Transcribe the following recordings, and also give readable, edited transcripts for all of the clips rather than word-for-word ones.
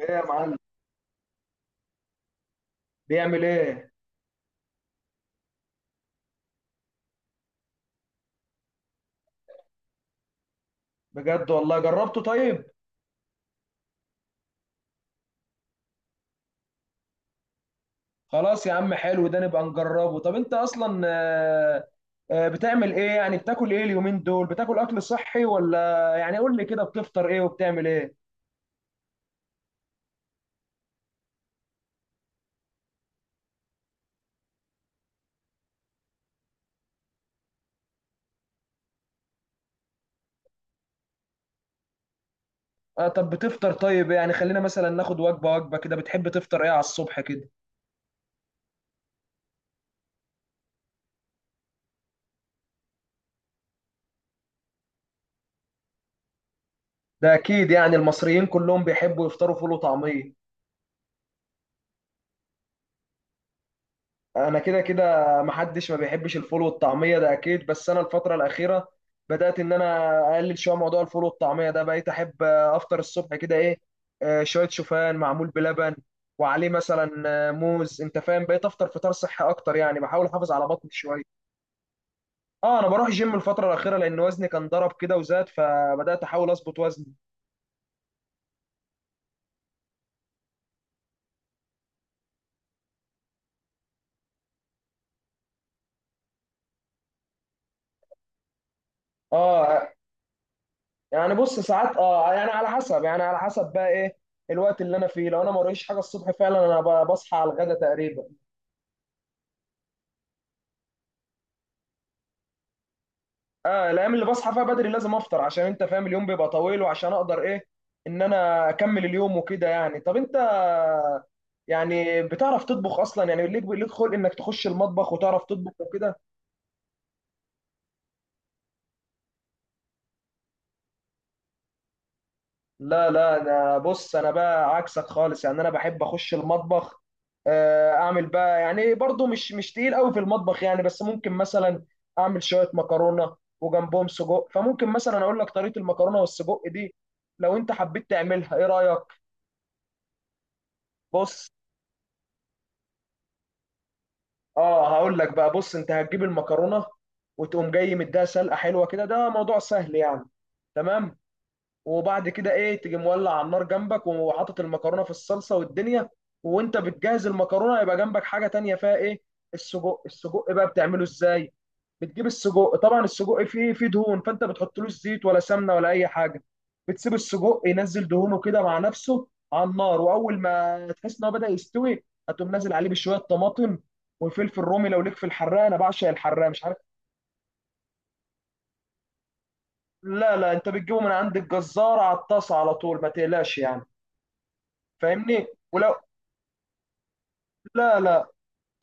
ايه يا معلم؟ بيعمل ايه؟ بجد والله، جربته طيب؟ خلاص يا عم، حلو ده نبقى نجربه. طب انت اصلا بتعمل ايه يعني؟ بتاكل ايه اليومين دول؟ بتاكل اكل صحي ولا يعني؟ قول لي كده، بتفطر ايه وبتعمل ايه؟ اه طب بتفطر طيب ايه؟ يعني خلينا مثلا ناخد وجبة وجبة كده، بتحب تفطر ايه على الصبح كده؟ ده اكيد يعني المصريين كلهم بيحبوا يفطروا فول وطعمية. انا كده كده محدش ما بيحبش الفول والطعميه ده اكيد، بس انا الفتره الاخيره بدات ان انا اقلل شويه موضوع الفول والطعميه ده. بقيت احب افطر الصبح كده ايه، شويه شوفان معمول بلبن، وعليه مثلا موز. انت فاهم، بقيت افطر فطار صحي اكتر يعني، بحاول احافظ على بطني شويه. اه انا بروح جيم الفتره الاخيره، لان وزني كان ضرب كده وزاد، فبدات احاول اظبط وزني. اه يعني بص ساعات اه، يعني على حسب، يعني على حسب بقى ايه الوقت اللي انا فيه. لو انا ما وريش حاجه الصبح، فعلا انا بصحى على الغدا تقريبا. اه الايام اللي بصحى فيها بدري لازم افطر، عشان انت فاهم اليوم بيبقى طويل، وعشان اقدر ايه ان انا اكمل اليوم وكده يعني. طب انت يعني بتعرف تطبخ اصلا؟ يعني ليك خلق انك تخش المطبخ وتعرف تطبخ وكده؟ لا لا، انا بص، انا بقى عكسك خالص يعني، انا بحب اخش المطبخ، اعمل بقى يعني، برضو مش تقيل قوي في المطبخ يعني، بس ممكن مثلا اعمل شوية مكرونة وجنبهم سجق. فممكن مثلا اقول لك طريقة المكرونة والسجق دي، لو انت حبيت تعملها. ايه رأيك؟ بص اه، هقول لك بقى. بص، انت هتجيب المكرونه وتقوم جاي مديها سلقه حلوه كده، ده موضوع سهل يعني. تمام. وبعد كده ايه، تيجي مولع على النار جنبك وحاطط المكرونه في الصلصه والدنيا. وانت بتجهز المكرونه يبقى جنبك حاجه تانية فيها ايه؟ السجق. السجق بقى بتعمله ازاي؟ بتجيب السجق طبعا. السجق فيه دهون، فانت بتحطلوش زيت ولا سمنه ولا اي حاجه. بتسيب السجق ينزل دهونه كده مع نفسه على النار، واول ما تحس ان هو بدا يستوي هتقوم نازل عليه بشويه طماطم وفلفل رومي. لو ليك في الحراق، انا بعشق الحراق، مش عارف. لا لا، انت بتجيبه من عند الجزار على الطاسه على طول، ما تقلقش يعني. فاهمني. ولو، لا لا،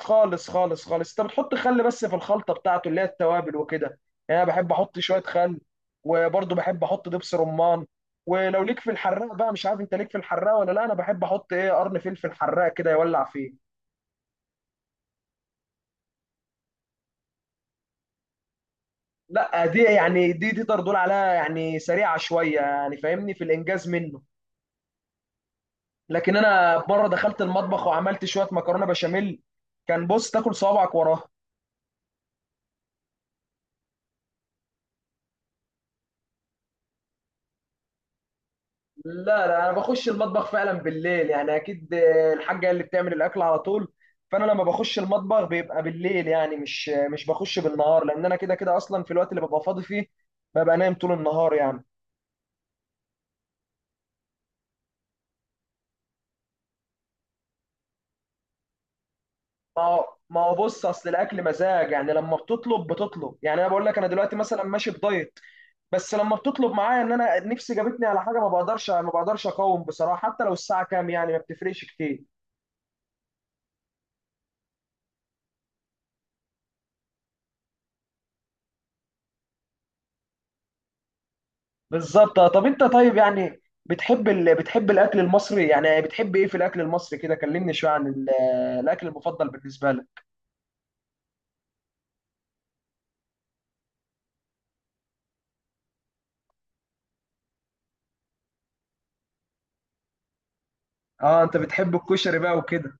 خالص خالص خالص، انت بتحط خل بس في الخلطه بتاعته اللي هي التوابل وكده يعني. انا بحب احط شويه خل، وبرضه بحب احط دبس رمان. ولو ليك في الحراق بقى، مش عارف انت ليك في الحراق ولا لا، انا بحب احط ايه، قرن فلفل حراق كده يولع فيه. لا دي تقدر تقول عليها يعني سريعه شويه يعني، فاهمني، في الانجاز منه. لكن انا مره دخلت المطبخ وعملت شويه مكرونه بشاميل، كان بص تاكل صوابعك وراها. لا لا، انا بخش المطبخ فعلا بالليل يعني، اكيد، الحاجه اللي بتعمل الاكل على طول. فانا لما بخش المطبخ بيبقى بالليل يعني، مش بخش بالنهار، لان انا كده كده اصلا في الوقت اللي ببقى فاضي فيه ببقى نايم طول النهار يعني. ما هو بص، اصل الاكل مزاج يعني. لما بتطلب يعني، انا بقول لك انا دلوقتي مثلا ماشي بدايت. بس لما بتطلب معايا ان انا نفسي جابتني على حاجه، ما بقدرش اقاوم بصراحه، حتى لو الساعه كام، يعني ما بتفرقش كتير. بالظبط. طب انت طيب يعني، بتحب الاكل المصري يعني؟ بتحب ايه في الاكل المصري كده؟ كلمني شويه عن الاكل المفضل بالنسبه لك. اه انت بتحب الكشري بقى وكده؟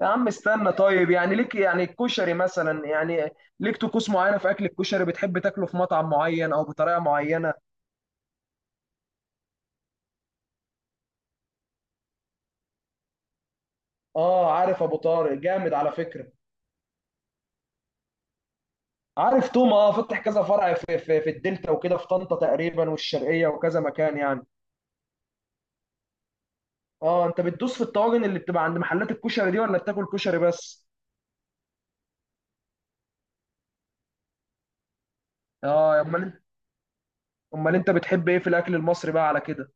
يا عم استنى طيب، يعني ليك يعني الكشري مثلا، يعني ليك طقوس معينه في اكل الكشري؟ بتحب تاكله في مطعم معين او بطريقه معينه؟ اه عارف ابو طارق، جامد على فكره. عارف توما، اه فتح كذا فرع في الدلتا وكده، في طنطا تقريبا والشرقيه وكذا مكان يعني. اه انت بتدوس في الطواجن اللي بتبقى عند محلات الكشري دي ولا بتاكل كشري بس؟ اه امال انت بتحب ايه في الاكل المصري بقى على كده؟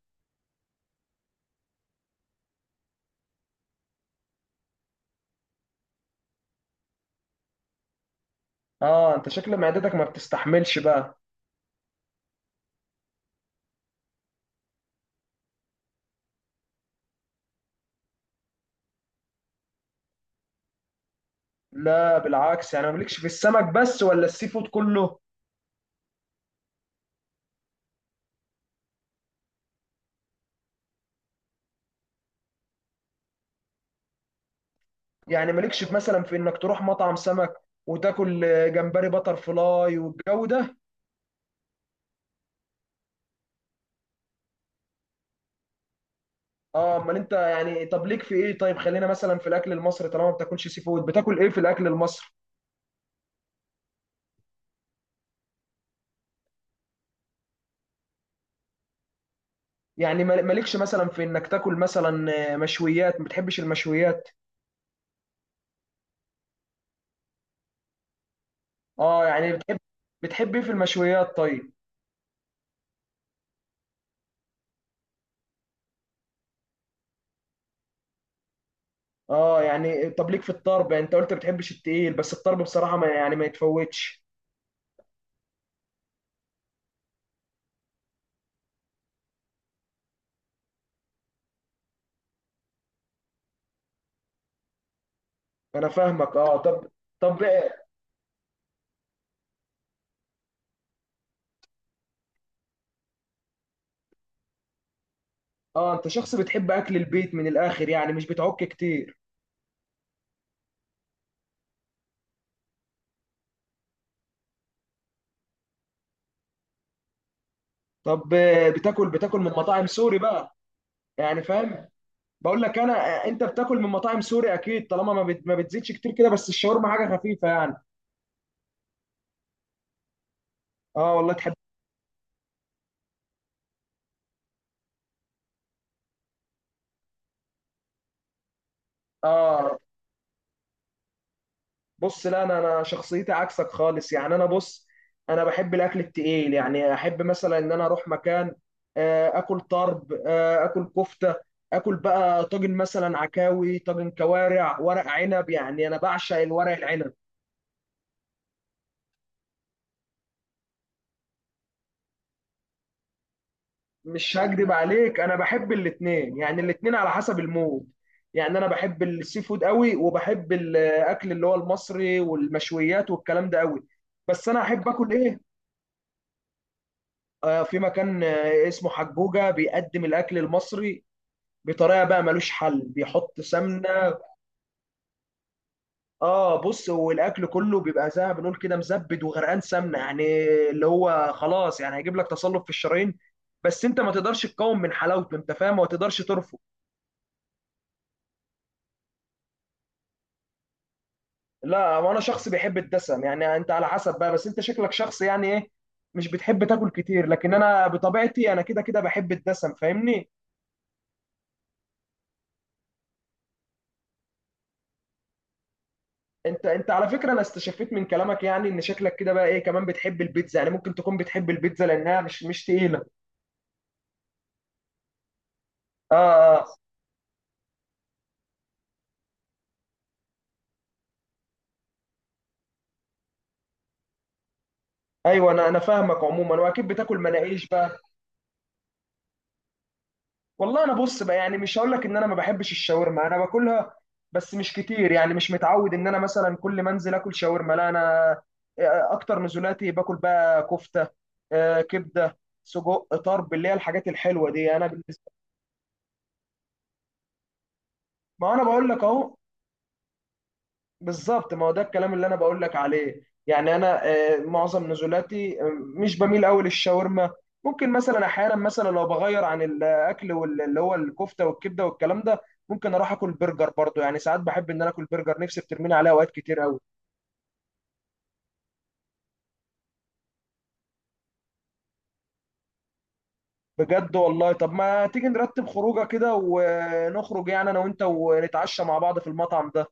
اه انت شكل معدتك ما بتستحملش بقى. لا بالعكس، يعني مالكش في السمك بس ولا السي فود كله؟ يعني مالكش في مثلا في انك تروح مطعم سمك وتاكل جمبري بتر فلاي والجو ده؟ اه امال انت يعني، طب ليك في ايه طيب. خلينا مثلا في الاكل المصري، طالما ما بتاكلش سي فود، بتاكل ايه في الاكل المصري؟ يعني مالكش مثلا في انك تاكل مثلا مشويات؟ ما بتحبش المشويات؟ اه يعني بتحب ايه في المشويات طيب؟ اه يعني طب ليك في الطرب يعني؟ انت قلت ما بتحبش التقيل، بس الطرب بصراحه ما، يعني ما يتفوتش. انا فاهمك. اه طب. طب اه انت شخص بتحب اكل البيت من الاخر يعني، مش بتعك كتير. طب بتاكل من مطاعم سوري بقى؟ يعني فاهم، بقول لك انا انت بتاكل من مطاعم سوري اكيد طالما ما بتزيدش كتير كده، بس الشاورما حاجه خفيفه يعني. اه والله تحب. اه بص، لا، انا شخصيتي عكسك خالص يعني. انا بص، انا بحب الاكل التقيل يعني، احب مثلا ان انا اروح مكان اكل طرب، اكل كفته، اكل بقى طاجن مثلا، عكاوي، طاجن كوارع، ورق عنب. يعني انا بعشق الورق العنب. مش هكدب عليك، انا بحب الاتنين، يعني الاتنين على حسب المود يعني. انا بحب السي فود قوي، وبحب الاكل اللي هو المصري والمشويات والكلام ده قوي. بس انا احب اكل ايه، في مكان اسمه حجوجة، بيقدم الأكل المصري بطريقة بقى ملوش حل، بيحط سمنة. اه بص، والأكل كله بيبقى زي ما بنقول كده مزبد وغرقان سمنة يعني، اللي هو خلاص يعني هيجيب لك تصلب في الشرايين، بس انت ما تقدرش تقاوم من حلاوته، انت فاهم، ما تقدرش ترفض. لا وانا شخص بيحب الدسم يعني، انت على حسب بقى، بس انت شكلك شخص يعني ايه، مش بتحب تاكل كتير، لكن انا بطبيعتي انا كده كده بحب الدسم، فاهمني. انت على فكره انا استشفيت من كلامك يعني ان شكلك كده بقى ايه كمان، بتحب البيتزا يعني. ممكن تكون بتحب البيتزا لانها مش تقيله. اه. ايوه، انا فاهمك عموما، واكيد بتاكل مناقيش بقى. والله انا بص بقى، يعني مش هقول لك ان انا ما بحبش الشاورما، انا باكلها بس مش كتير يعني. مش متعود ان انا مثلا كل ما انزل اكل شاورما، لا انا اكتر نزولاتي باكل بقى كفته، آه كبده، سجق، طرب، اللي هي الحاجات الحلوه دي. انا بالنسبه، ما انا بقول لك اهو. بالظبط، ما هو ده الكلام اللي انا بقول لك عليه يعني. انا معظم نزولاتي مش بميل قوي للشاورما. ممكن مثلا احيانا، مثلا لو بغير عن الاكل اللي هو الكفته والكبده والكلام ده، ممكن اروح اكل برجر برضو يعني. ساعات بحب ان انا اكل برجر، نفسي بترميني عليها اوقات كتير قوي. بجد والله؟ طب ما تيجي نرتب خروجه كده ونخرج يعني انا وانت، ونتعشى مع بعض في المطعم ده.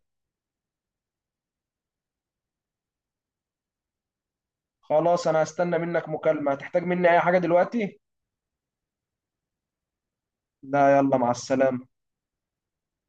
خلاص، انا هستنى منك مكالمه. هتحتاج مني اي حاجه دلوقتي؟ لا يلا، مع السلامه.